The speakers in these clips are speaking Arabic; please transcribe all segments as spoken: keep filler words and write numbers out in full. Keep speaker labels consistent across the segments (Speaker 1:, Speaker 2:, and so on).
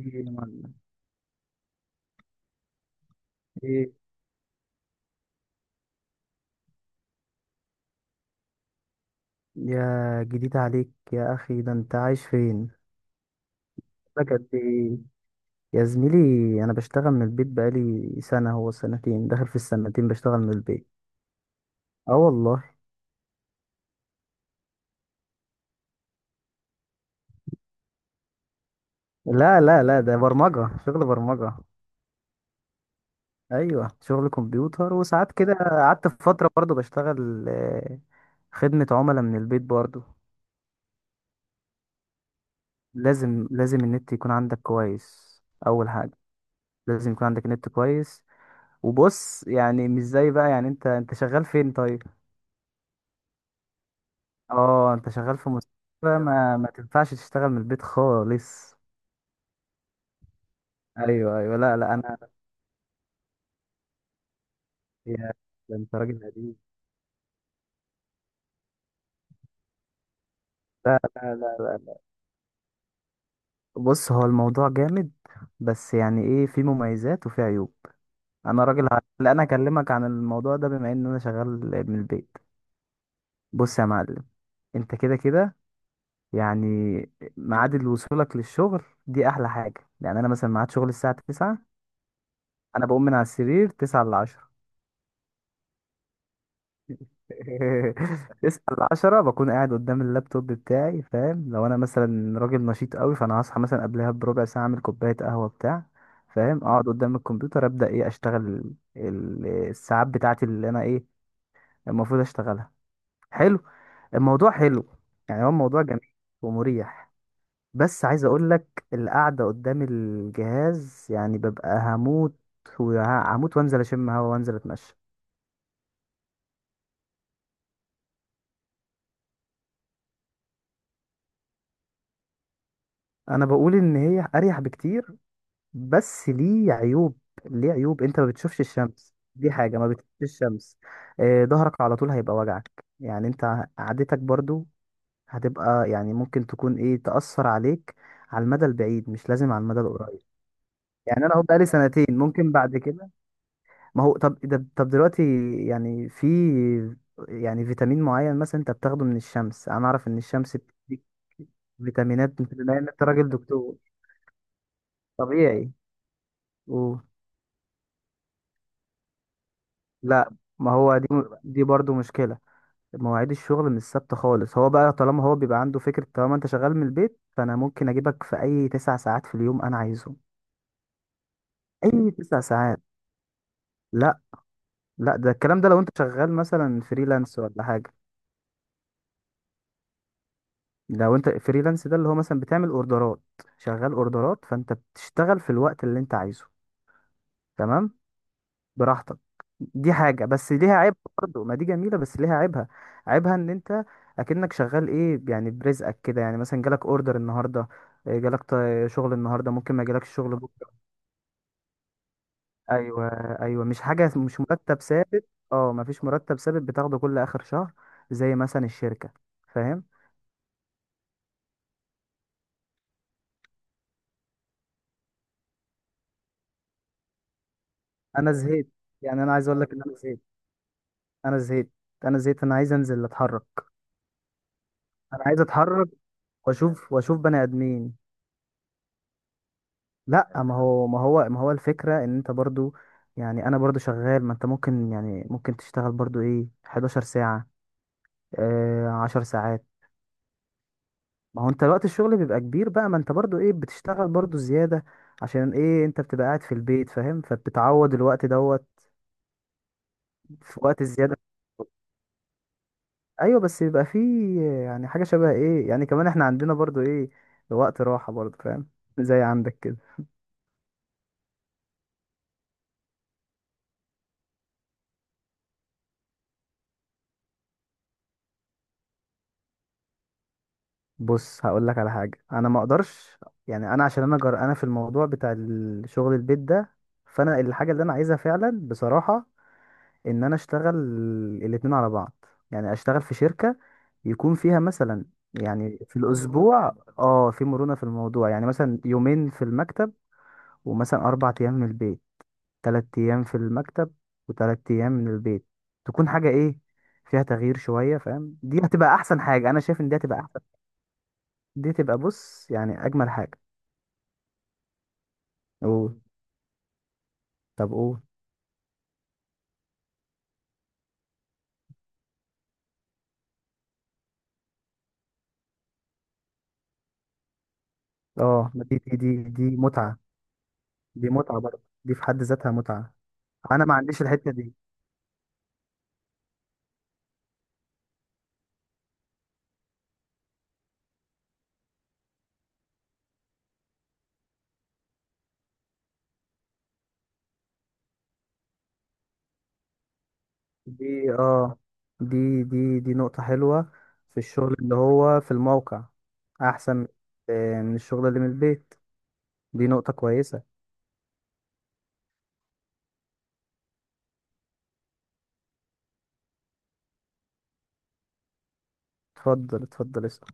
Speaker 1: ايه يا معلم. ايه، يا جديد عليك يا اخي، ده انت عايش فين؟ بقالك قد ايه يا زميلي؟ انا بشتغل من البيت بقالي سنه، هو سنتين، داخل في السنتين بشتغل من البيت. اه والله. لا لا لا، ده برمجه، شغل برمجه. ايوه شغل كمبيوتر، وساعات كده قعدت في فتره برضو بشتغل آه، خدمه عملاء من البيت برضو. لازم لازم النت يكون عندك كويس، اول حاجه. لازم يكون عندك نت كويس. وبص يعني مش زي بقى، يعني انت انت شغال فين طيب؟ اه انت شغال في مستشفى. ما ما تنفعش تشتغل من البيت خالص. ايوه ايوه، لا لا، انا يا ده انت راجل قديم. لا لا لا لا لا. بص، هو الموضوع جامد، بس يعني ايه، في مميزات وفي عيوب. انا راجل ع- لا، انا اكلمك عن الموضوع ده بما ان انا شغال من البيت. بص يا معلم، انت كده كده، يعني ميعاد وصولك للشغل دي احلى حاجه، يعني انا مثلا ميعاد شغل الساعه تسعة، انا بقوم من على السرير تسعة لعشرة. تسعة لعشرة بكون قاعد قدام اللابتوب بتاعي، فاهم؟ لو انا مثلا راجل نشيط قوي، فانا هصحى مثلا قبلها بربع ساعة، اعمل كوباية قهوة بتاع، فاهم، اقعد قدام الكمبيوتر، ابدأ ايه، اشتغل ال- ال- الساعات بتاعتي اللي انا ايه المفروض اشتغلها. حلو، الموضوع حلو، يعني هو الموضوع جميل ومريح. بس عايز اقول لك، القعدة قدام الجهاز يعني ببقى هموت وهموت، وانزل اشم هوا وانزل اتمشى. انا بقول ان هي اريح بكتير، بس ليه عيوب. ليه عيوب؟ انت ما بتشوفش الشمس، دي حاجه، ما بتشوفش الشمس. آه، ظهرك على طول هيبقى وجعك، يعني انت قعدتك برضو هتبقى، يعني ممكن تكون ايه تأثر عليك على المدى البعيد، مش لازم على المدى القريب. يعني انا اهو بقالي سنتين، ممكن بعد كده. ما هو طب ده، طب دلوقتي، يعني في، يعني فيتامين معين مثلا انت بتاخده من الشمس، انا اعرف ان الشمس بتديك فيتامينات، انت بما ان انت راجل دكتور طبيعي. قول. لا، ما هو دي، دي برضو مشكلة. مواعيد الشغل مش ثابتة خالص، هو بقى طالما هو بيبقى عنده فكرة طالما انت شغال من البيت، فانا ممكن اجيبك في اي تسع ساعات في اليوم انا عايزهم. اي تسع ساعات. لا. لا، ده الكلام ده لو انت شغال مثلا فريلانس ولا حاجة. لو انت فريلانس، ده اللي هو مثلا بتعمل اوردرات، شغال اوردرات، فانت بتشتغل في الوقت اللي انت عايزه. تمام، براحتك. دي حاجة بس ليها عيب. برضه ما دي جميلة، بس ليها عيبها. عيبها ان انت اكنك شغال ايه، يعني برزقك كده، يعني مثلا جالك اوردر النهاردة، إيه، جالك ط- شغل النهاردة، ممكن ما جالكش شغل بكرة. ايوه ايوه، مش حاجة، مش مرتب ثابت. اه، ما فيش مرتب ثابت بتاخده كل اخر شهر زي مثلا الشركة، فاهم؟ انا زهقت، يعني انا عايز اقول لك ان انا زهقت، انا زهقت، انا زهقت، انا عايز انزل اتحرك، انا عايز اتحرك واشوف واشوف بني ادمين. لا، ما هو ما هو ما هو الفكرة ان انت برضو، يعني انا برضو شغال، ما انت ممكن، يعني ممكن تشتغل برضو ايه 11 ساعة، آه 10 ساعات. ما هو انت وقت الشغل بيبقى كبير بقى، ما انت برضو ايه بتشتغل برضو زيادة، عشان ايه، انت بتبقى قاعد في البيت فاهم، فبتعوض الوقت دوت في وقت الزيادة. ايوه، بس بيبقى فيه يعني حاجة شبه ايه، يعني كمان احنا عندنا برضو ايه وقت راحة برضو، فاهم؟ زي عندك كده. بص هقول لك على حاجه، انا ما اقدرش، يعني انا عشان انا جرأنا في الموضوع بتاع الشغل البيت ده، فانا الحاجه اللي انا عايزها فعلا بصراحه، ان انا اشتغل الاتنين على بعض، يعني اشتغل في شركه يكون فيها مثلا، يعني في الاسبوع اه في مرونه في الموضوع، يعني مثلا يومين في المكتب ومثلا اربع ايام من البيت، تلات ايام في المكتب وتلات ايام من البيت، تكون حاجه ايه، فيها تغيير شويه، فاهم؟ دي هتبقى احسن حاجه، انا شايف ان دي هتبقى احسن، دي تبقى بص يعني اجمل حاجه. قول، طب قول. اه، ما دي دي دي دي متعة، دي متعة برضه، دي في حد ذاتها متعة. انا ما عنديش الحتة دي. دي اه دي دي دي نقطة حلوة، في الشغل اللي هو في الموقع احسن آه، من الشغل اللي من البيت. دي نقطة كويسة. اتفضل اتفضل اسأل.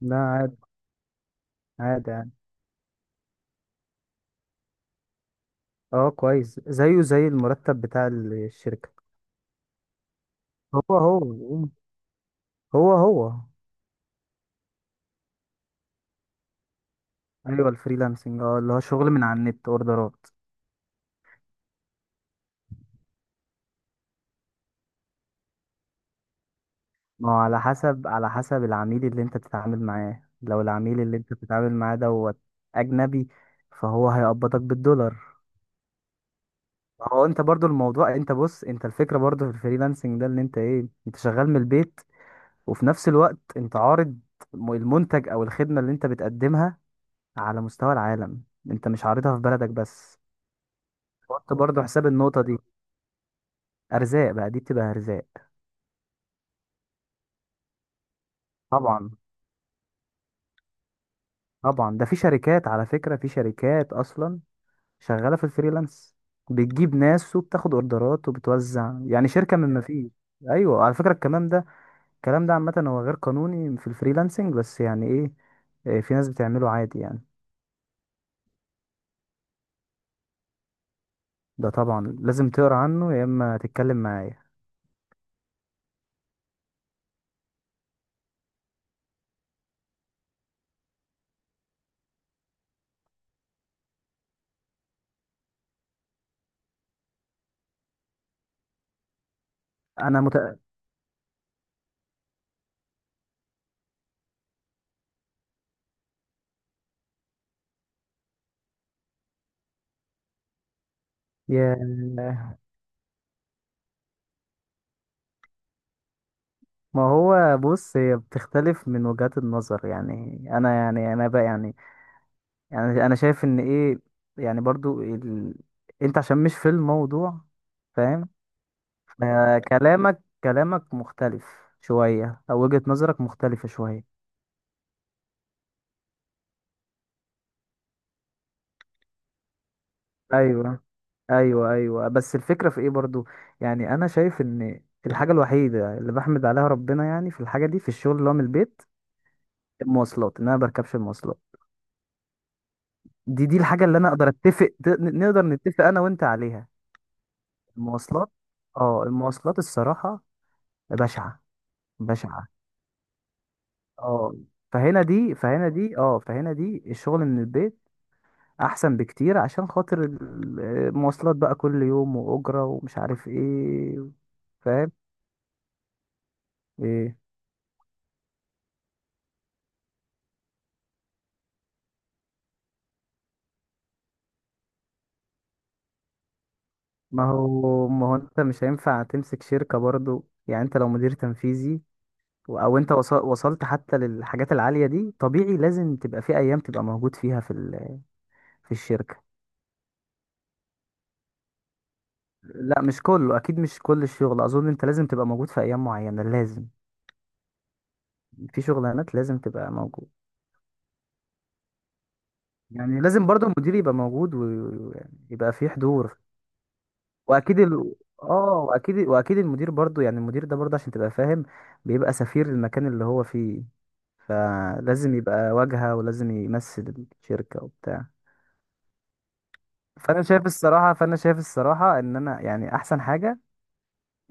Speaker 1: لا عادي، عادي يعني. اه كويس، زيه زي المرتب بتاع الشركة. هو هو، هو هو. ايوه الفريلانسنج، اه اللي هو شغل من على النت، اوردرات. ما هو على حسب، على حسب العميل اللي انت بتتعامل معاه، لو العميل اللي انت بتتعامل معاه دوت اجنبي، فهو هيقبضك بالدولار. هو انت برضو الموضوع، انت بص، انت الفكرة برضو في الفريلانسنج ده اللي انت ايه، انت شغال من البيت وفي نفس الوقت انت عارض م- المنتج او الخدمة اللي انت بتقدمها على مستوى العالم، انت مش عارضها في بلدك بس. حط برضو حساب النقطة دي، ارزاق بقى، دي بتبقى ارزاق. طبعا. طبعا ده في شركات على فكرة، في شركات اصلا شغالة في الفريلانس، بتجيب ناس وبتاخد اوردرات وبتوزع، يعني شركة من ما فيش. ايوه على فكرة الكلام ده. الكلام ده عامة هو غير قانوني في الفريلانسنج، بس يعني ايه، إيه، في ناس بتعمله عادي يعني. ده طبعا لازم تقرا عنه، يا اما تتكلم معايا. انا مت... يا ما هو بص، هي بتختلف من وجهات النظر يعني. انا يعني انا بقى يعني يعني انا شايف ان ايه، يعني برضو ال... انت عشان مش في الموضوع، فاهم؟ آه، كلامك كلامك مختلف شوية، أو وجهة نظرك مختلفة شوية. أيوة، أيوة أيوة. بس الفكرة في إيه برضو، يعني أنا شايف إن الحاجة الوحيدة اللي بحمد عليها ربنا يعني في الحاجة دي، في الشغل اللي هو من البيت، المواصلات، إن أنا بركبش المواصلات. دي دي الحاجة اللي أنا أقدر أتفق ت- نقدر نتفق أنا وأنت عليها. المواصلات. أه المواصلات الصراحة بشعة. بشعة أه. فهنا دي فهنا دي أه فهنا دي الشغل من البيت احسن بكتير، عشان خاطر ال- المواصلات بقى كل يوم واجره ومش عارف ايه. فاهم؟ ايه. ما هو ما هو انت مش هينفع تمسك شركه برضو، يعني انت لو مدير تنفيذي و- او انت وص- وصلت حتى للحاجات العاليه دي، طبيعي لازم تبقى في ايام تبقى موجود فيها في ال- في الشركه. لا مش كله، اكيد مش كل الشغل، اظن انت لازم تبقى موجود في ايام معينه، لازم. في شغلانات لازم تبقى موجود، يعني لازم برضو المدير يبقى موجود، ويعني يبقى في حضور. واكيد ال... اه واكيد واكيد المدير برضو، يعني المدير ده برضو عشان تبقى فاهم، بيبقى سفير المكان اللي هو فيه، فلازم يبقى واجهة ولازم يمثل الشركة وبتاع. فانا شايف الصراحة فانا شايف الصراحة ان انا يعني احسن حاجة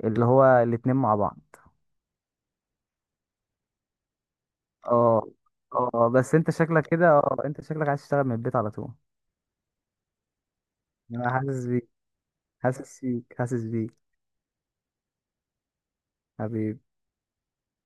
Speaker 1: اللي هو الاتنين مع بعض. اه اه، بس انت شكلك كده اه انت شكلك عايز تشتغل من البيت على طول. انا حاسس بيك، حاسس بيك حاسس بيك. حبيبي.